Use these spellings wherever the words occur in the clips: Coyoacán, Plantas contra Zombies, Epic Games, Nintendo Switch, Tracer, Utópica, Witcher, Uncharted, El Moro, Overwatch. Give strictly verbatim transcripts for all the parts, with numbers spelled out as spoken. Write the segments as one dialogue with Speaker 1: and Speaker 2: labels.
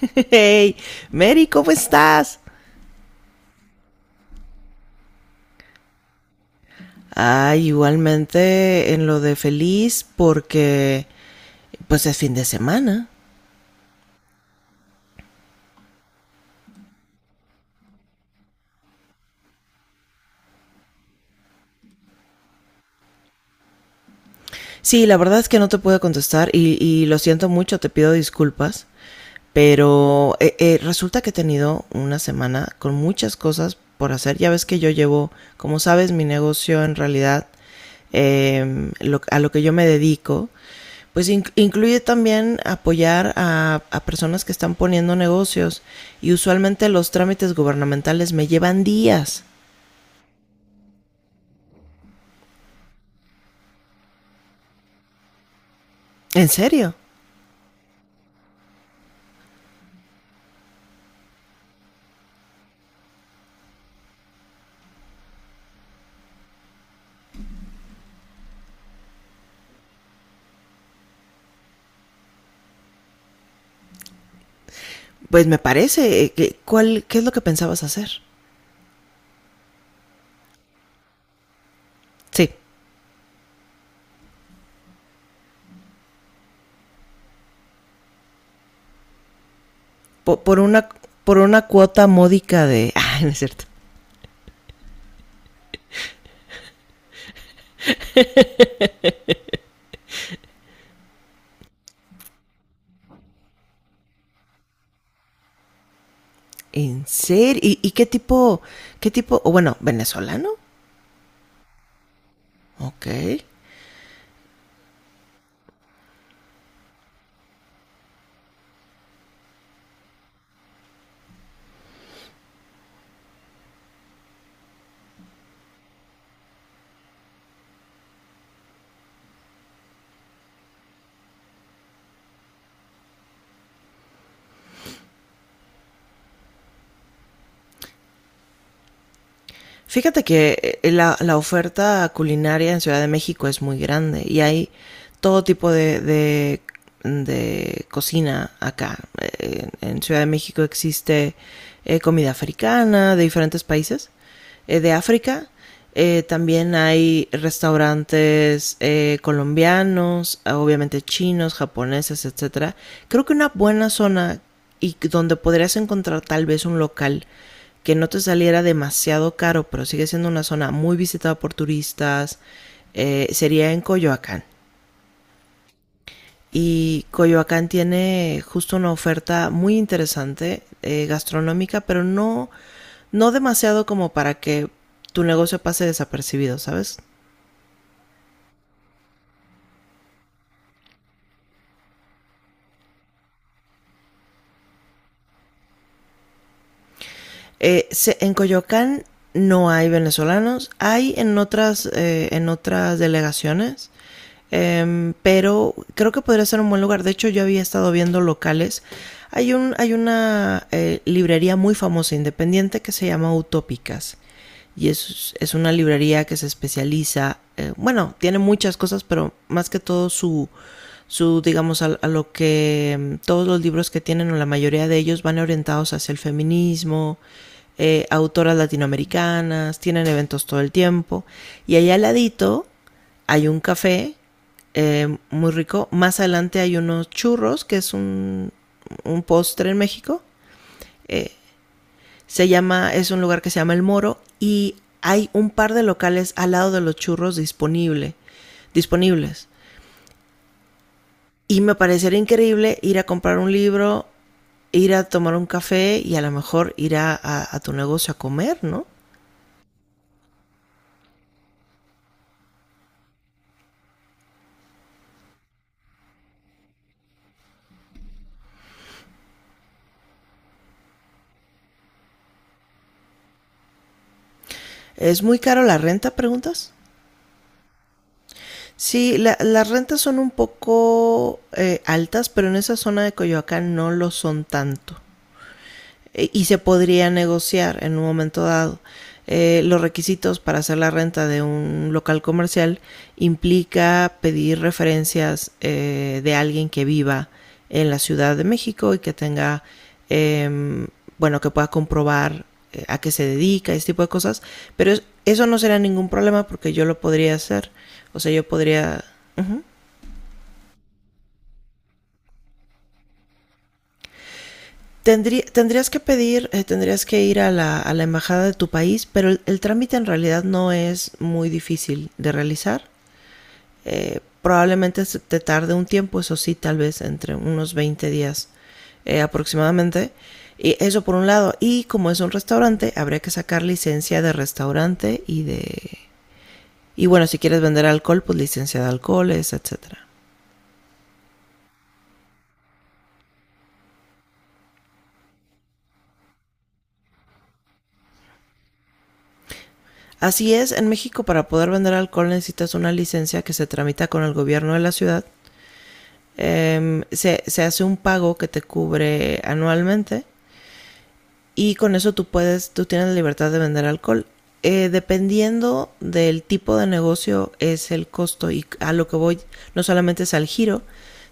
Speaker 1: Hey, Mary, ¿cómo estás? Ah, igualmente en lo de feliz porque pues es fin de semana. Sí, la verdad es que no te pude contestar y, y lo siento mucho, te pido disculpas. Pero eh, eh, resulta que he tenido una semana con muchas cosas por hacer. Ya ves que yo llevo, como sabes, mi negocio en realidad, eh, lo, a lo que yo me dedico, pues in, incluye también apoyar a, a personas que están poniendo negocios y usualmente los trámites gubernamentales me llevan días. ¿En serio? Pues me parece. eh, ¿Cuál, ¿qué es lo que pensabas hacer? Sí, po- por, una por una cuota módica de... Ah, no es cierto. ¿En serio? ¿Y, y qué tipo, qué tipo, o bueno, venezolano? Ok. Fíjate que eh, la, la oferta culinaria en Ciudad de México es muy grande y hay todo tipo de, de, de cocina acá. Eh, En Ciudad de México existe eh, comida africana de diferentes países, eh, de África. Eh, también hay restaurantes eh, colombianos, obviamente chinos, japoneses, etcétera. Creo que una buena zona y donde podrías encontrar tal vez un local que no te saliera demasiado caro, pero sigue siendo una zona muy visitada por turistas, eh, sería en Coyoacán. Y Coyoacán tiene justo una oferta muy interesante eh, gastronómica, pero no, no demasiado como para que tu negocio pase desapercibido, ¿sabes? Eh, se- en Coyoacán no hay venezolanos, hay en otras, eh, en otras delegaciones, em, pero creo que podría ser un buen lugar. De hecho, yo había estado viendo locales. Hay, un, hay una eh, librería muy famosa, independiente, que se llama Utópicas. Y es, es una librería que se especializa, eh, bueno, tiene muchas cosas, pero más que todo su, su digamos a, a, lo que mm, todos los libros que tienen o la mayoría de ellos van orientados hacia el feminismo, eh, autoras latinoamericanas tienen eventos todo el tiempo y allá al ladito hay un café eh, muy rico. Más adelante hay unos churros que es un, un postre en México. Eh, se llama Es un lugar que se llama El Moro y hay un par de locales al lado de los churros disponible disponibles, y me parecería increíble ir a comprar un libro, ir a tomar un café y a lo mejor ir a, a, a tu negocio a comer, ¿no? ¿Es muy caro la renta, preguntas? Sí, la, las rentas son un poco eh, altas, pero en esa zona de Coyoacán no lo son tanto. Eh, y se podría negociar en un momento dado. Eh, los requisitos para hacer la renta de un local comercial implica pedir referencias eh, de alguien que viva en la Ciudad de México y que tenga, eh, bueno, que pueda comprobar eh, a qué se dedica, ese tipo de cosas. Pero eso no será ningún problema porque yo lo podría hacer. O sea, yo podría... Uh -huh. Tendrí, tendrías que pedir, eh, tendrías que ir a la, a la embajada de tu país, pero el, el trámite en realidad no es muy difícil de realizar. Eh, probablemente te tarde un tiempo, eso sí, tal vez entre unos veinte días eh, aproximadamente. Y eso por un lado. Y como es un restaurante, habría que sacar licencia de restaurante y de... Y bueno, si quieres vender alcohol, pues licencia de alcoholes, etcétera. Así es, en México para poder vender alcohol necesitas una licencia que se tramita con el gobierno de la ciudad, eh, se, se, hace un pago que te cubre anualmente y con eso tú puedes, tú tienes la libertad de vender alcohol. Eh, dependiendo del tipo de negocio es el costo, y a lo que voy, no solamente es al giro,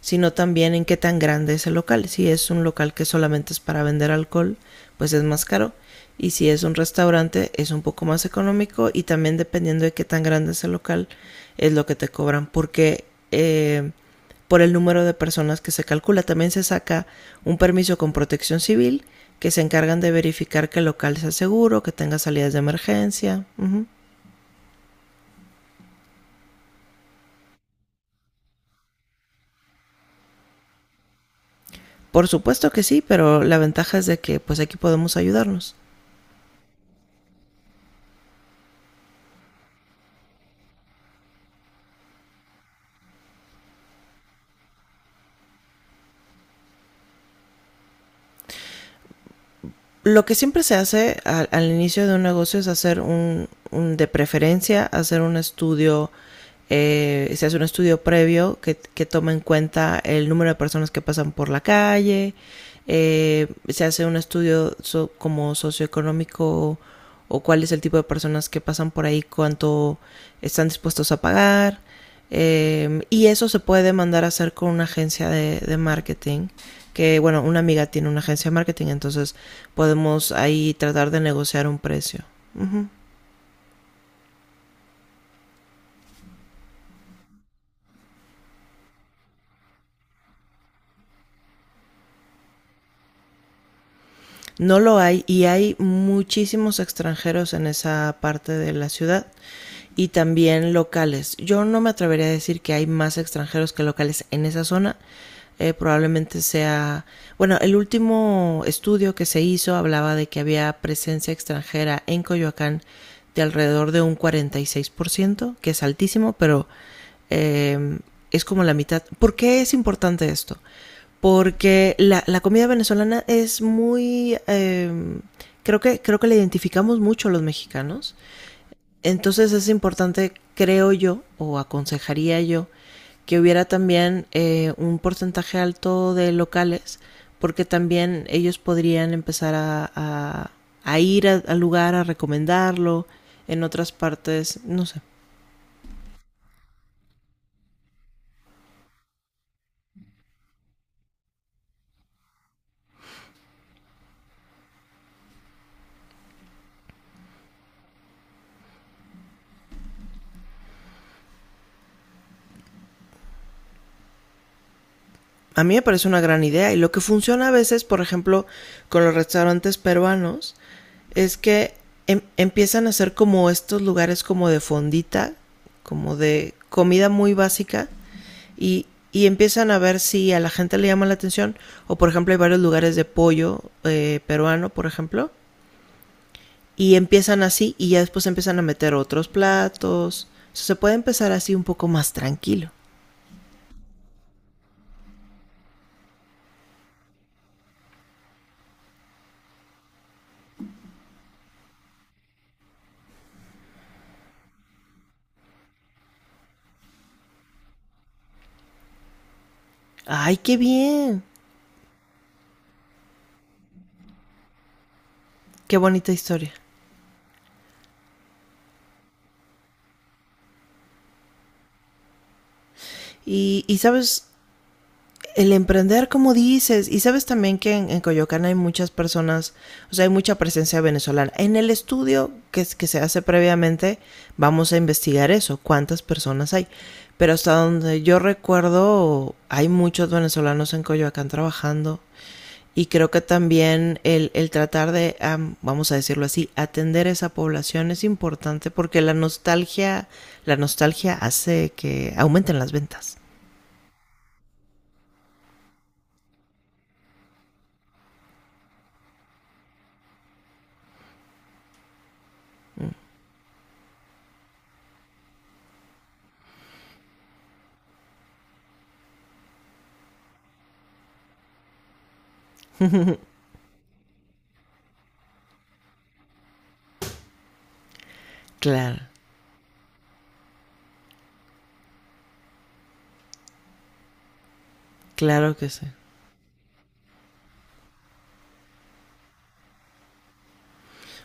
Speaker 1: sino también en qué tan grande es el local. Si es un local que solamente es para vender alcohol, pues es más caro. Y si es un restaurante, es un poco más económico, y también dependiendo de qué tan grande es el local, es lo que te cobran. Porque eh, por el número de personas que se calcula. También se saca un permiso con protección civil, que se encargan de verificar que el local sea seguro, que tenga salidas de emergencia. Ujú. Por supuesto que sí, pero la ventaja es de que pues aquí podemos ayudarnos. Lo que siempre se hace al, al inicio de un negocio es hacer un, un- de preferencia, hacer un estudio, eh, se hace un estudio previo que, que toma en cuenta el número de personas que pasan por la calle, eh, se hace un estudio so- como socioeconómico, o cuál es el tipo de personas que pasan por ahí, cuánto están dispuestos a pagar. Eh, y eso se puede mandar a hacer con una agencia de, de marketing, que bueno, una amiga tiene una agencia de marketing, entonces podemos ahí tratar de negociar un precio. Ujú. No lo hay, y hay muchísimos extranjeros en esa parte de la ciudad y también locales. Yo no me atrevería a decir que hay más extranjeros que locales en esa zona. Eh, probablemente sea, bueno, el último estudio que se hizo hablaba de que había presencia extranjera en Coyoacán de alrededor de un cuarenta y seis por ciento, que es altísimo, pero eh, es como la mitad. ¿Por qué es importante esto? Porque la, la comida venezolana es muy... eh, creo, que, creo que la identificamos mucho los mexicanos. Entonces es importante, creo yo, o aconsejaría yo, que hubiera también eh, un porcentaje alto de locales, porque también ellos podrían empezar a, a- a ir al lugar, a recomendarlo en otras partes, no sé. A mí me parece una gran idea, y lo que funciona a veces, por ejemplo, con los restaurantes peruanos, es que em- empiezan a hacer como estos lugares como de fondita, como de comida muy básica, y, y empiezan a ver si a la gente le llama la atención, o por ejemplo hay varios lugares de pollo eh, peruano, por ejemplo, y empiezan así y ya después empiezan a meter otros platos. O sea, se puede empezar así un poco más tranquilo. Ay, qué bien. Qué bonita historia. Y, y sabes, el emprender, como dices, y sabes también que en, en, Coyoacán hay muchas personas, o sea, hay mucha presencia venezolana. En el estudio que, que se hace previamente, vamos a investigar eso, cuántas personas hay. Pero hasta donde yo recuerdo, hay muchos venezolanos en Coyoacán trabajando. Y creo que también el, el tratar de, um, vamos a decirlo así, atender esa población es importante porque la nostalgia, la nostalgia hace que aumenten las ventas. Claro. Claro que sí.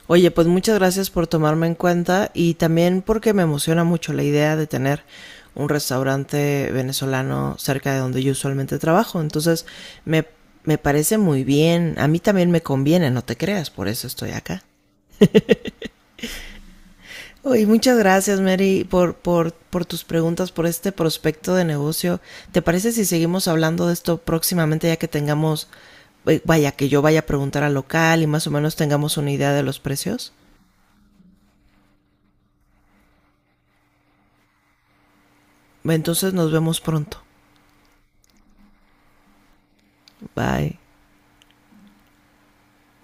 Speaker 1: Oye, pues muchas gracias por tomarme en cuenta, y también porque me emociona mucho la idea de tener un restaurante venezolano cerca de donde yo usualmente trabajo. Entonces, me, me parece muy bien. A mí también me conviene, no te creas, por eso estoy acá. Oye, muchas gracias, Mary, por, por, por tus preguntas, por este prospecto de negocio. ¿Te parece si seguimos hablando de esto próximamente ya que tengamos, eh, vaya, que yo vaya a preguntar al local y más o menos tengamos una idea de los precios? Entonces nos vemos pronto. Bye.